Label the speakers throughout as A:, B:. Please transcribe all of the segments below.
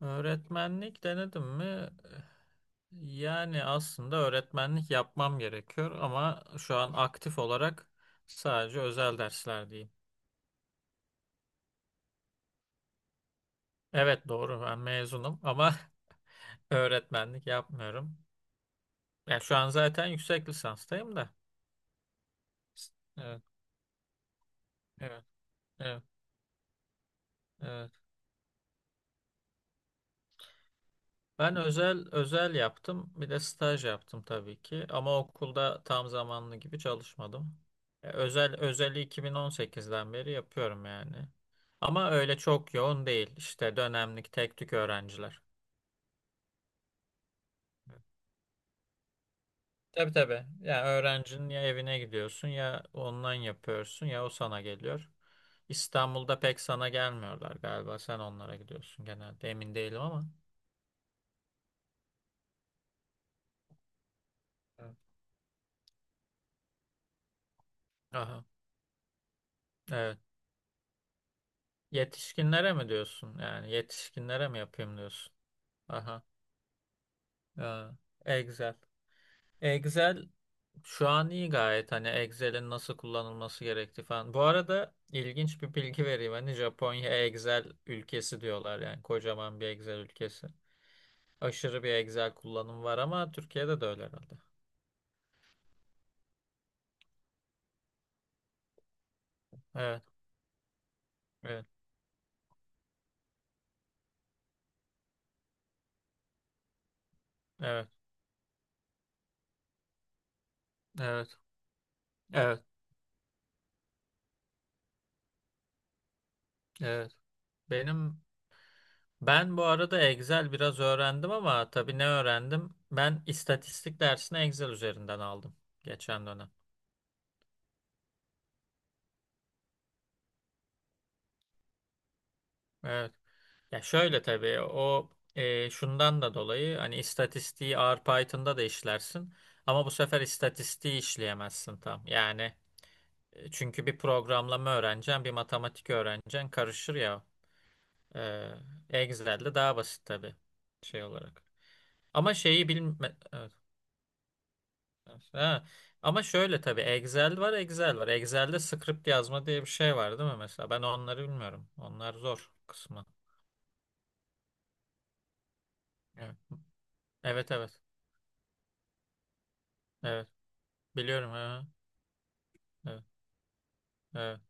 A: Öğretmenlik denedim mi? Yani aslında öğretmenlik yapmam gerekiyor ama şu an aktif olarak sadece özel dersler diyeyim. Evet doğru ben mezunum ama öğretmenlik yapmıyorum. Ya şu an zaten yüksek lisanstayım da. Evet, evet, evet. Ben özel özel yaptım. Bir de staj yaptım tabii ki. Ama okulda tam zamanlı gibi çalışmadım. Özel özeli 2018'den beri yapıyorum yani. Ama öyle çok yoğun değil. İşte dönemlik tek tük öğrenciler. Tabii tabii. Ya öğrencinin ya evine gidiyorsun ya online yapıyorsun ya o sana geliyor. İstanbul'da pek sana gelmiyorlar galiba. Sen onlara gidiyorsun genelde. Emin değilim ama. Evet. Aha. Evet. Yetişkinlere mi diyorsun? Yani yetişkinlere mi yapayım diyorsun? Aha. Ya, Excel. Excel şu an iyi gayet. Hani Excel'in nasıl kullanılması gerektiği falan. Bu arada ilginç bir bilgi vereyim. Hani Japonya Excel ülkesi diyorlar yani. Kocaman bir Excel ülkesi. Aşırı bir Excel kullanımı var ama Türkiye'de de öyle herhalde. Evet. Evet. Evet. Evet. Evet. Evet. Benim Ben arada Excel biraz öğrendim ama tabii ne öğrendim? Ben istatistik dersini Excel üzerinden aldım geçen dönem. Evet. Ya şöyle tabii şundan da dolayı hani istatistiği R Python'da da işlersin ama bu sefer istatistiği işleyemezsin tam. Yani çünkü bir programlama öğreneceksin, bir matematik öğreneceksin karışır ya. E, Excel'de daha basit tabii şey olarak. Ama şeyi bilme... evet. Ha. Ama şöyle tabii Excel var, Excel var. Excel'de script yazma diye bir şey var değil mi mesela? Ben onları bilmiyorum. Onlar zor kısmı. Evet, evet. Evet, evet. Biliyorum. Ha. Evet, evet,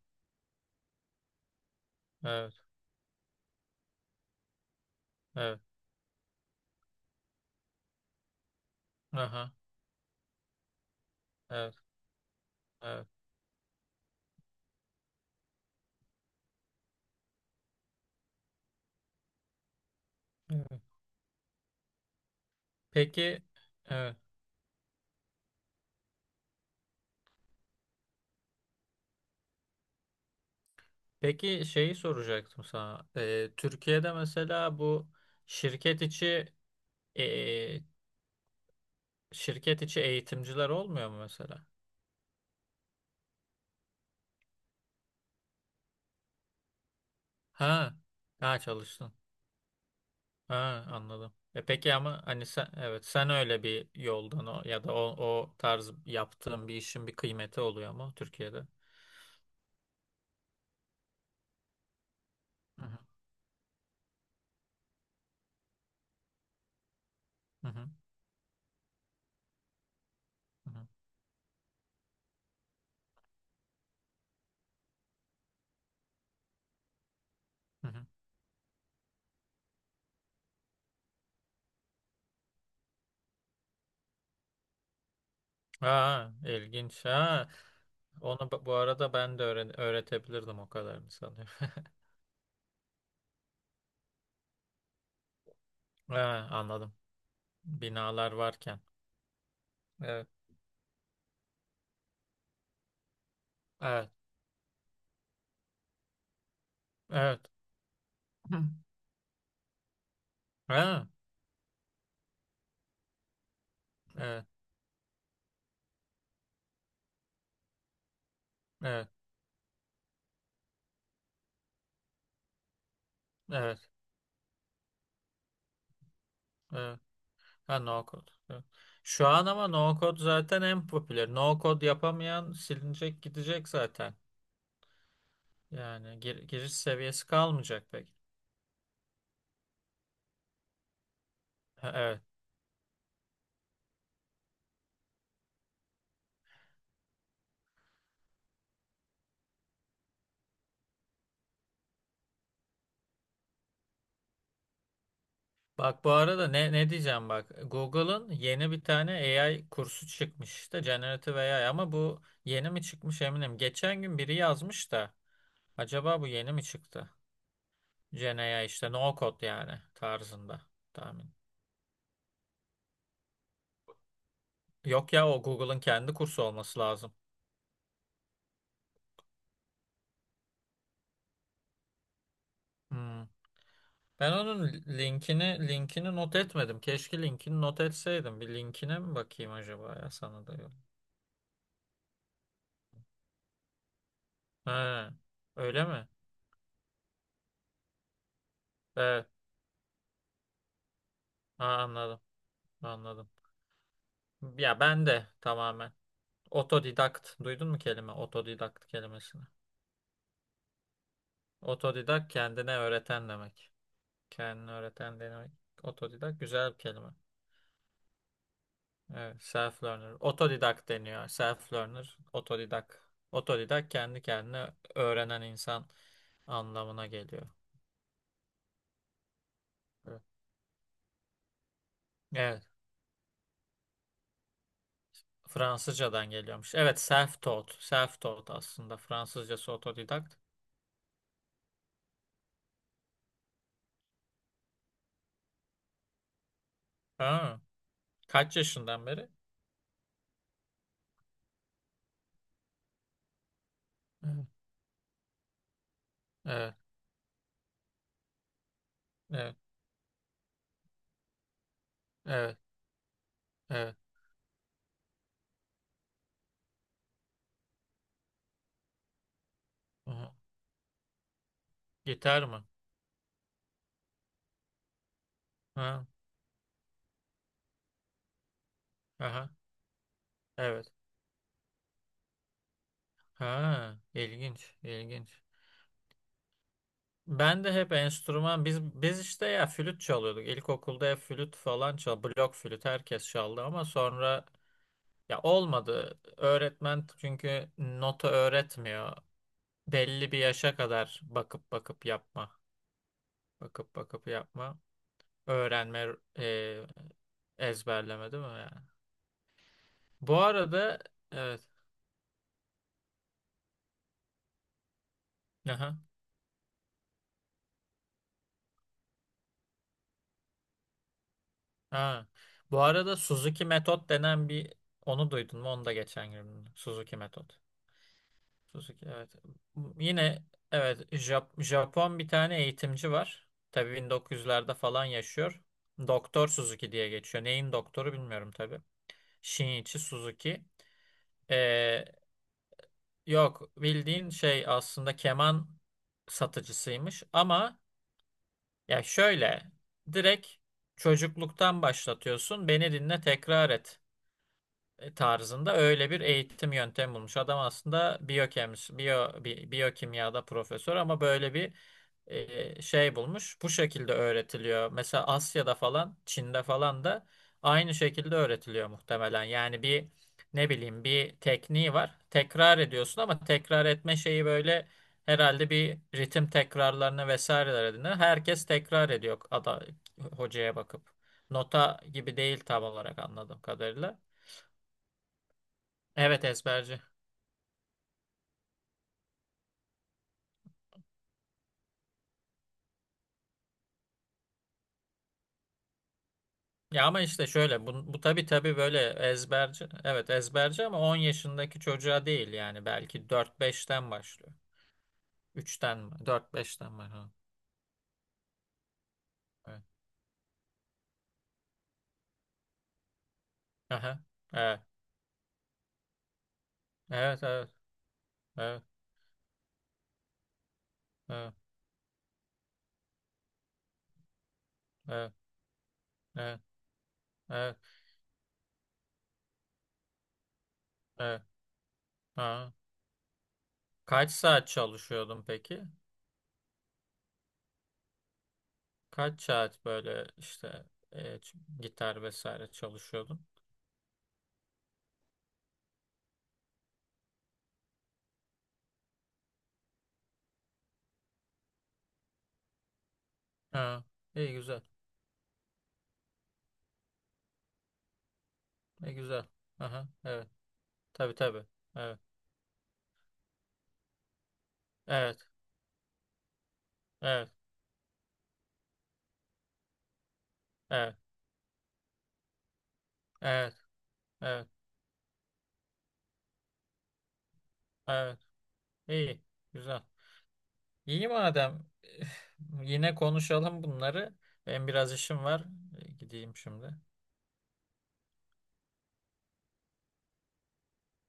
A: evet, evet. Aha, evet, evet. Evet. Peki, evet. Peki şeyi soracaktım sana. Türkiye'de mesela bu şirket içi e, şirket içi eğitimciler olmuyor mu mesela? Ha, ha çalıştın. Ha, anladım. E peki ama hani sen evet sen öyle bir yoldan o, ya da o, o tarz yaptığın bir işin bir kıymeti oluyor mu Türkiye'de? Hı hı, hı hı, hı hı, hı hı. Ha, ilginç. Ha. Onu bu arada ben de öğretebilirdim o kadarını sanıyorum. Ha, anladım. Binalar varken. Evet. Evet. Evet. Ha, evet. Evet. Evet. Evet. Ha no code. Evet. Şu an ama no code zaten en popüler. No code yapamayan silinecek gidecek zaten. Yani giriş seviyesi kalmayacak pek. Ha, evet. Bak bu arada ne diyeceğim bak. Google'ın yeni bir tane AI kursu çıkmış işte Generative AI ama bu yeni mi çıkmış eminim. Geçen gün biri yazmış da acaba bu yeni mi çıktı? Gen AI işte no code yani tarzında tahmin. Yok ya o Google'ın kendi kursu olması lazım. Hmm. Ben onun linkini not etmedim. Keşke linkini not etseydim. Bir linkine mi bakayım acaba ya sana da yok. He, öyle mi? Evet. Ha, anladım. Anladım. Ya ben de tamamen otodidakt. Duydun mu kelime? Otodidakt kelimesini. Otodidakt kendine öğreten demek. Kendine öğreten demek. Otodidakt güzel bir kelime. Evet, self-learner. Otodidakt deniyor. Self-learner, otodidakt. Otodidakt kendi kendine öğrenen insan anlamına geliyor. Evet. Evet. Fransızcadan geliyormuş. Evet, self-taught. Self-taught aslında. Fransızcası otodidakt. Ha, kaç yaşından beri? Evet. Evet. Evet. Evet. Evet. Aha. Gitar mı? Ha. Aha. Evet. Ha, ilginç, ilginç. Ben de hep enstrüman biz işte ya flüt çalıyorduk. İlkokulda hep flüt falan çal, blok flüt herkes çaldı ama sonra ya olmadı. Öğretmen çünkü nota öğretmiyor. Belli bir yaşa kadar bakıp bakıp yapma. Bakıp bakıp yapma. Öğrenme, e, ezberleme değil mi yani? Bu arada evet. Aha. Ha. Bu arada Suzuki metot denen bir onu duydun mu? Onu da geçen gün duydum. Suzuki metot. Suzuki evet. Yine evet Japon bir tane eğitimci var. Tabii 1900'lerde falan yaşıyor. Doktor Suzuki diye geçiyor. Neyin doktoru bilmiyorum tabii. Shinichi Suzuki. Ee, Yok bildiğin şey aslında keman satıcısıymış ama ya şöyle direkt çocukluktan başlatıyorsun beni dinle tekrar et tarzında öyle bir eğitim yöntemi bulmuş. Adam aslında biyokemist, biyokimyada profesör ama böyle bir şey bulmuş. Bu şekilde öğretiliyor. Mesela Asya'da falan, Çin'de falan da aynı şekilde öğretiliyor muhtemelen. Yani bir ne bileyim bir tekniği var. Tekrar ediyorsun ama tekrar etme şeyi böyle herhalde bir ritim tekrarlarına vesaireler edinir. Herkes tekrar ediyor hocaya bakıp. Nota gibi değil tam olarak anladığım kadarıyla. Evet ezberci. Ya ama işte şöyle bu tabii tabii böyle ezberci. Evet ezberci ama 10 yaşındaki çocuğa değil yani belki 4-5'ten başlıyor. 3'ten mi? 4-5'ten başlıyor. Evet. Aha. Evet. Evet evet. Evet. Evet. Evet. Evet. Evet. Evet. Ha. Kaç saat çalışıyordun peki? Kaç saat böyle işte gitar vesaire çalışıyordun? Ha. İyi güzel. İyi güzel. Aha. Evet. Tabii tabii. Evet. Evet. Evet. Evet. Evet, evet, evet. İyi, güzel. İyi madem. Yine konuşalım bunları. Ben biraz işim var. Gideyim şimdi.